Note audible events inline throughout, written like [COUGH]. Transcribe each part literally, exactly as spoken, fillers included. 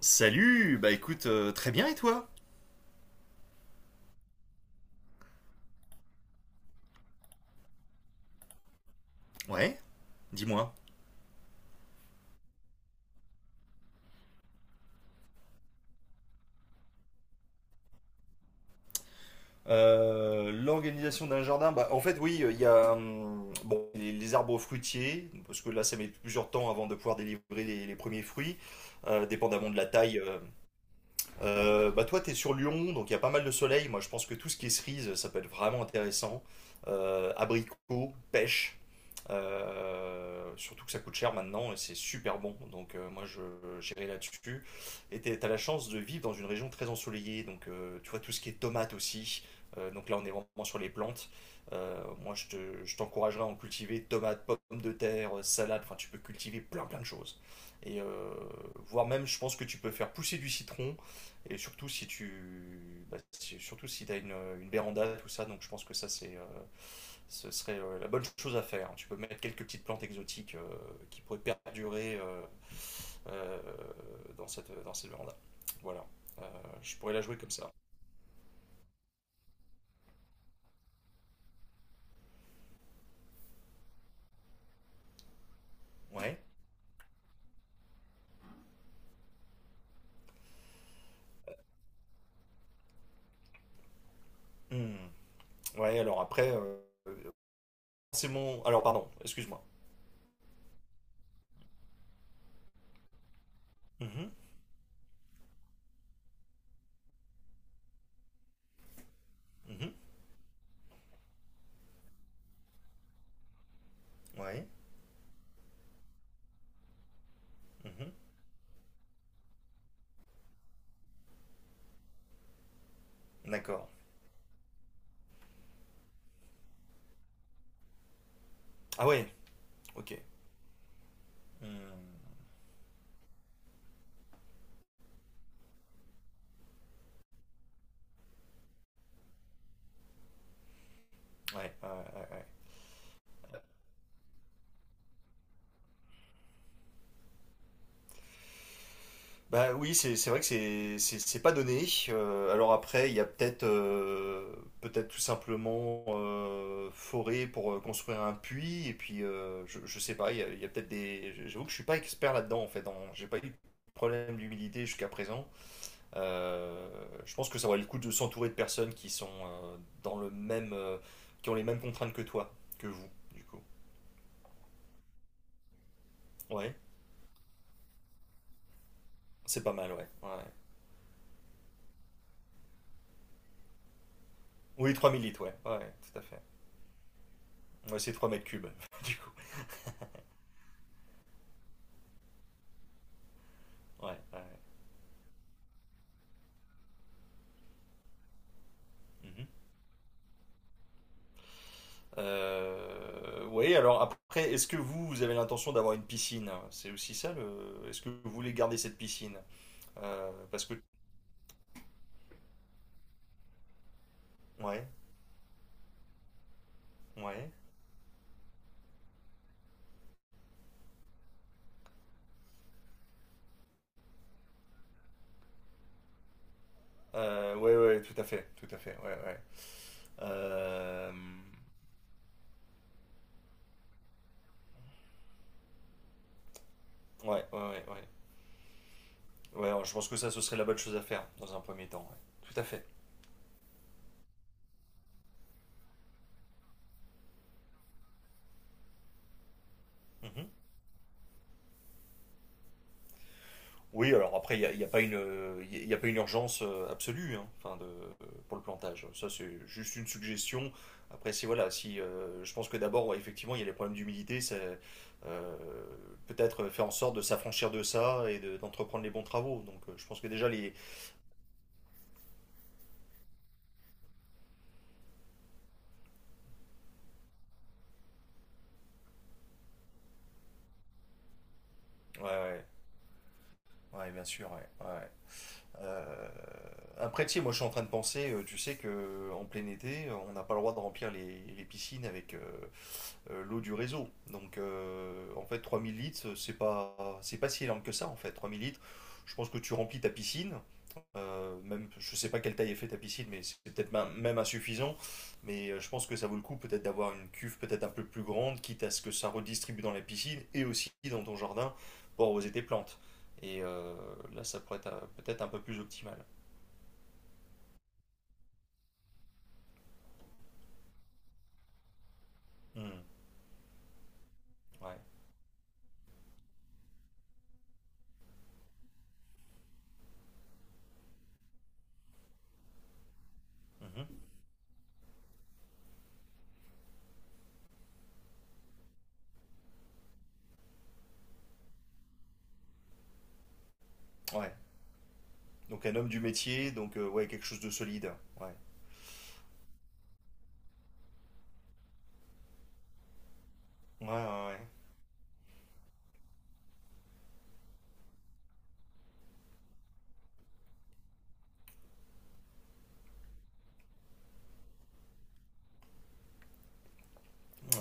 Salut, bah écoute, euh, très bien et toi? Ouais, dis-moi. Euh, l'organisation d'un jardin, bah, en fait, oui, euh, il y a hum, bon, les, les arbres fruitiers, parce que là, ça met plusieurs temps avant de pouvoir délivrer les, les premiers fruits, euh, dépendamment de la taille. Euh, Euh, bah toi, tu es sur Lyon, donc il y a pas mal de soleil. Moi, je pense que tout ce qui est cerise, ça peut être vraiment intéressant. Euh, abricots, pêche. Euh, surtout que ça coûte cher maintenant et c'est super bon. Donc euh, moi, je j'irai là-dessus. Et tu as la chance de vivre dans une région très ensoleillée. Donc euh, tu vois tout ce qui est tomates aussi. Euh, donc là, on est vraiment sur les plantes. Euh, moi, je te- je t'encouragerais à en cultiver tomates, pommes de terre, salade. Enfin, tu peux cultiver plein plein de choses. Et euh, voire même, je pense que tu peux faire pousser du citron et surtout si tu, bah, si- surtout si t'as une, une véranda, tout ça, donc je pense que ça c'est, euh, ce serait euh, la bonne chose à faire. Tu peux mettre quelques petites plantes exotiques, euh, qui pourraient perdurer, euh, euh, dans cette, dans cette véranda. Voilà. Euh, je pourrais la jouer comme ça. Ouais. Hmm. Ouais. Alors après, euh, c'est mon, alors pardon, excuse-moi. Mhm. Mhm. Ouais. Mhm. D'accord. Ah ouais. Ok. Hmm. Ouais, ouais, ouais, ouais. Bah oui, c'est c'est vrai que c'est c'est c'est pas donné. Euh, alors après, il y a peut-être, euh, peut-être tout simplement, euh, forêt pour, euh, construire un puits et puis euh, je, je sais pas. Il y a, il y a peut-être des. J'avoue que je suis pas expert là-dedans en fait. en- J'ai pas eu de problème d'humidité jusqu'à présent. Euh, je pense que ça vaut le coup de s'entourer de personnes qui sont, euh, dans le même, euh, qui ont les mêmes contraintes que toi, que vous du coup. Ouais, c'est pas mal, ouais. Ouais. Oui, trois mille litres, ouais. Ouais, tout à fait. Ouais, c'est trois mètres cubes [LAUGHS] du coup. Ouais, ouais, ouais. Mhm. Euh, oui, alors après, est-ce que vous, vous avez l'intention d'avoir une piscine? C'est aussi ça le... Est-ce que vous voulez garder cette piscine? Euh, parce que... Ouais, ouais. Euh, ouais, ouais, tout à fait, tout à fait, ouais, ouais. Euh, ouais, ouais, ouais, ouais. Ouais, je pense que ça, ce serait la bonne chose à faire dans un premier temps, ouais. Tout à fait. Mhm. Oui, alors après, il n'y a, il y a pas une, euh, il y a pas une urgence, euh, absolue hein, enfin de, euh, pour le plantage. Ça, c'est juste une suggestion. Après, si voilà, si euh, je pense que d'abord, ouais, effectivement, il y a les problèmes d'humidité, c'est, euh, peut-être faire en sorte de s'affranchir de ça et de- d'entreprendre les bons travaux. Donc, euh, je pense que déjà les, ouais, ouais, ouais, bien sûr, ouais, ouais. Euh, Après, tu sais, moi, je suis en train de penser, euh, tu sais que en plein été, on n'a pas le droit de remplir les, les piscines avec, euh, euh, l'eau du réseau. Donc euh, en fait trois mille litres, euh, c'est pas c'est pas si énorme que ça en fait. Trois mille litres, je pense que tu remplis ta piscine, euh, même je sais pas quelle taille est faite ta piscine, mais c'est peut-être, ma- même insuffisant. Mais euh, je pense que ça vaut le coup peut-être d'avoir une cuve peut-être un peu plus grande, quitte à ce que ça redistribue dans la piscine et aussi dans ton jardin pour arroser tes plantes. Et euh, là, ça pourrait être, euh, peut-être un peu plus optimal. Hmm. Ouais. Mhm. Ouais. Donc un homme du métier, donc euh, ouais, quelque chose de solide. Ouais. Ouais, ouais, ouais.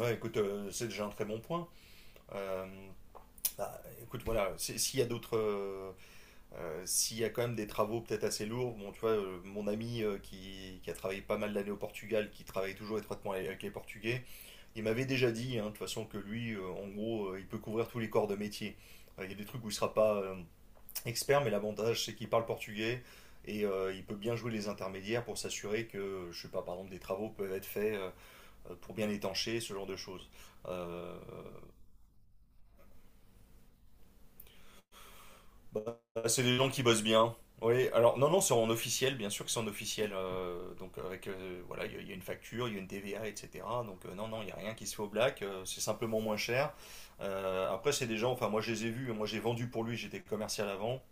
Ouais, écoute, euh, c'est déjà un très bon point. Euh, Bah, écoute, voilà, si- s'il y a d'autres, euh, euh, s'il y a quand même des travaux peut-être assez lourds, bon, tu vois, euh, mon ami, euh, qui, qui a travaillé pas mal d'années au Portugal, qui travaille toujours étroitement avec les Portugais. Il m'avait déjà dit, hein, de toute façon, que lui, euh, en gros, euh, il peut couvrir tous les corps de métier. Euh, Il y a des trucs où il sera pas, euh, expert, mais l'avantage, c'est qu'il parle portugais et, euh, il peut bien jouer les intermédiaires pour s'assurer que, je sais pas, par exemple, des travaux peuvent être faits, euh, pour bien étancher, ce genre de choses. Euh, Bah, c'est des gens qui bossent bien. Oui, alors non, non, c'est en officiel, bien sûr que c'est en officiel. Euh, donc avec, euh, voilà, il y, a il y a une facture, il y a une T V A, et cetera. Donc euh, non, non, il n'y a rien qui se fait au black, euh, c'est simplement moins cher. Euh, après, c'est des gens, enfin moi je les ai vus, moi j'ai vendu pour lui, j'étais commercial avant.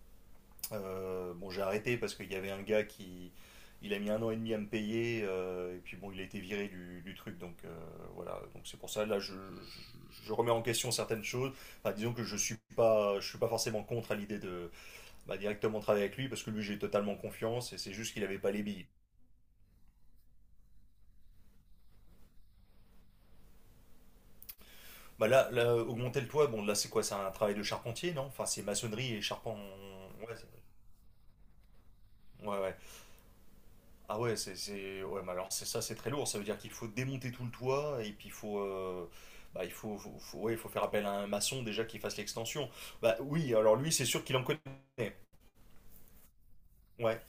Euh, bon, j'ai arrêté parce qu'il y avait un gars qui, il a mis un an et demi à me payer, euh, et puis bon, il a été viré du, du truc, donc euh, voilà. Donc c'est pour ça, là, je, je- je remets en question certaines choses. Enfin, disons que je suis pas, je suis pas forcément contre à l'idée de, bah, directement travailler avec lui parce que lui j'ai totalement confiance et c'est juste qu'il avait pas les billes. Bah là, là, augmenter le toit, bon là c'est quoi? C'est un travail de charpentier, non? Enfin c'est maçonnerie et charpent. Ouais, c'est- ouais, ouais. Ah ouais, c'est, c'est- ouais, mais alors c'est ça, c'est très lourd. Ça veut dire qu'il faut démonter tout le toit et puis il faut, euh, bah, il faut, faut- faut- ouais, il faut faire appel à un maçon déjà qui fasse l'extension. Bah oui, alors lui c'est sûr qu'il en connaît. Ouais.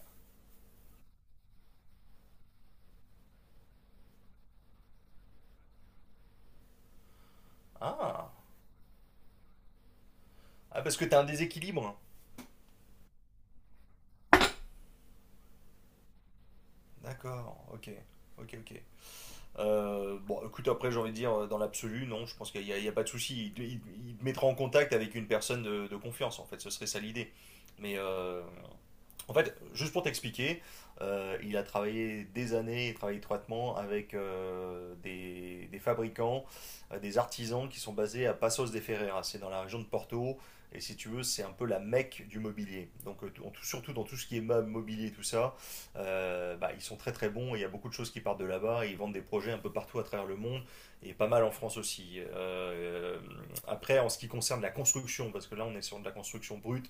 Ah, ah, parce que t'as un déséquilibre. D'accord. Ok. Ok. Ok. Euh, bon, écoute, après, j'ai envie de dire, euh, dans l'absolu, non, je pense qu'il n'y a, il y a pas de souci. Il, il- il te mettra en contact avec une personne de, de confiance, en fait, ce serait ça l'idée. Mais euh, en fait, juste pour t'expliquer, euh, il a travaillé des années, il travaille étroitement avec, euh, des, des fabricants, euh, des artisans qui sont basés à Passos de Ferreira. C'est dans la région de Porto, et si tu veux, c'est un peu la mecque du mobilier. Donc, euh, tout- surtout dans tout ce qui est meubles, mobilier, tout ça, euh, bah, ils sont très très bons, et il y a beaucoup de choses qui partent de là-bas, et ils vendent des projets un peu partout à travers le monde, et pas mal en France aussi. Euh, après, en ce qui concerne la construction, parce que là, on est sur de la construction brute,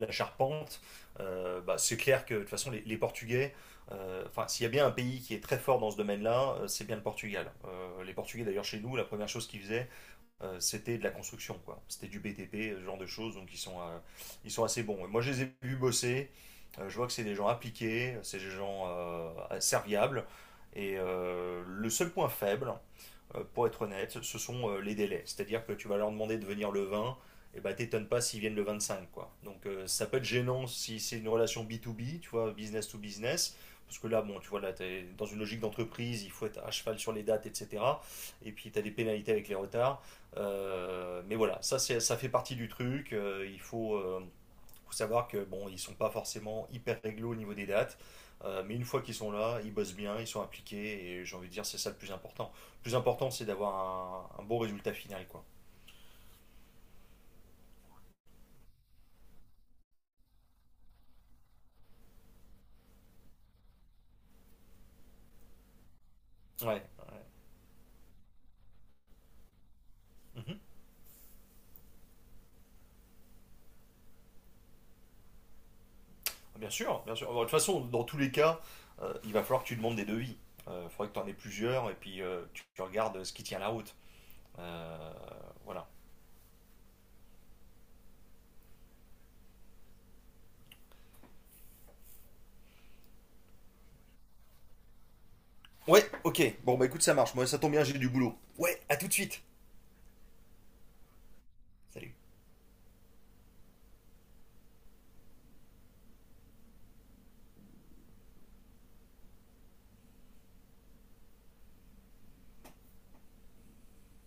la charpente, euh, bah, c'est clair que de toute façon les, les Portugais, euh, enfin s'il y a bien un pays qui est très fort dans ce domaine-là, euh, c'est bien le Portugal. Euh, les Portugais d'ailleurs chez nous, la première chose qu'ils faisaient, euh, c'était de la construction, quoi. C'était du B T P, ce genre de choses, donc ils sont, euh, ils sont assez bons. Et moi je les ai vus bosser, euh, je vois que c'est des gens appliqués, c'est des gens, euh, serviables. Et euh, le seul point faible, euh, pour être honnête, ce sont, euh, les délais. C'est-à-dire que tu vas leur demander de venir le vingt, et bah t'étonnes pas s'ils viennent le vingt-cinq. Quoi. Donc euh, ça peut être gênant si c'est une relation B deux B, tu vois, business to business. Parce que là, bon, tu vois, là, es dans une logique d'entreprise, il faut être à cheval sur les dates, et cetera. Et puis, tu as des pénalités avec les retards. Euh, mais voilà, ça, c'est, ça fait partie du truc. Euh, il faut, euh, faut savoir que bon, ils sont pas forcément hyper réglo au niveau des dates, euh, mais une fois qu'ils sont là, ils bossent bien, ils sont appliqués, et j'ai envie de dire c'est ça le plus important. Le plus important, c'est d'avoir un, un bon résultat final, quoi. Ouais. Mhm. Ah, bien sûr, bien sûr. Bon, de toute façon, dans tous les cas, euh, il va falloir que tu demandes des devis. Euh, Il faudrait que tu en aies plusieurs et puis euh, tu, tu regardes ce qui tient la route. Euh, voilà. Ouais, ok. Bon, bah écoute, ça marche. Moi, ça tombe bien, j'ai du boulot. Ouais, à tout de suite. Salut.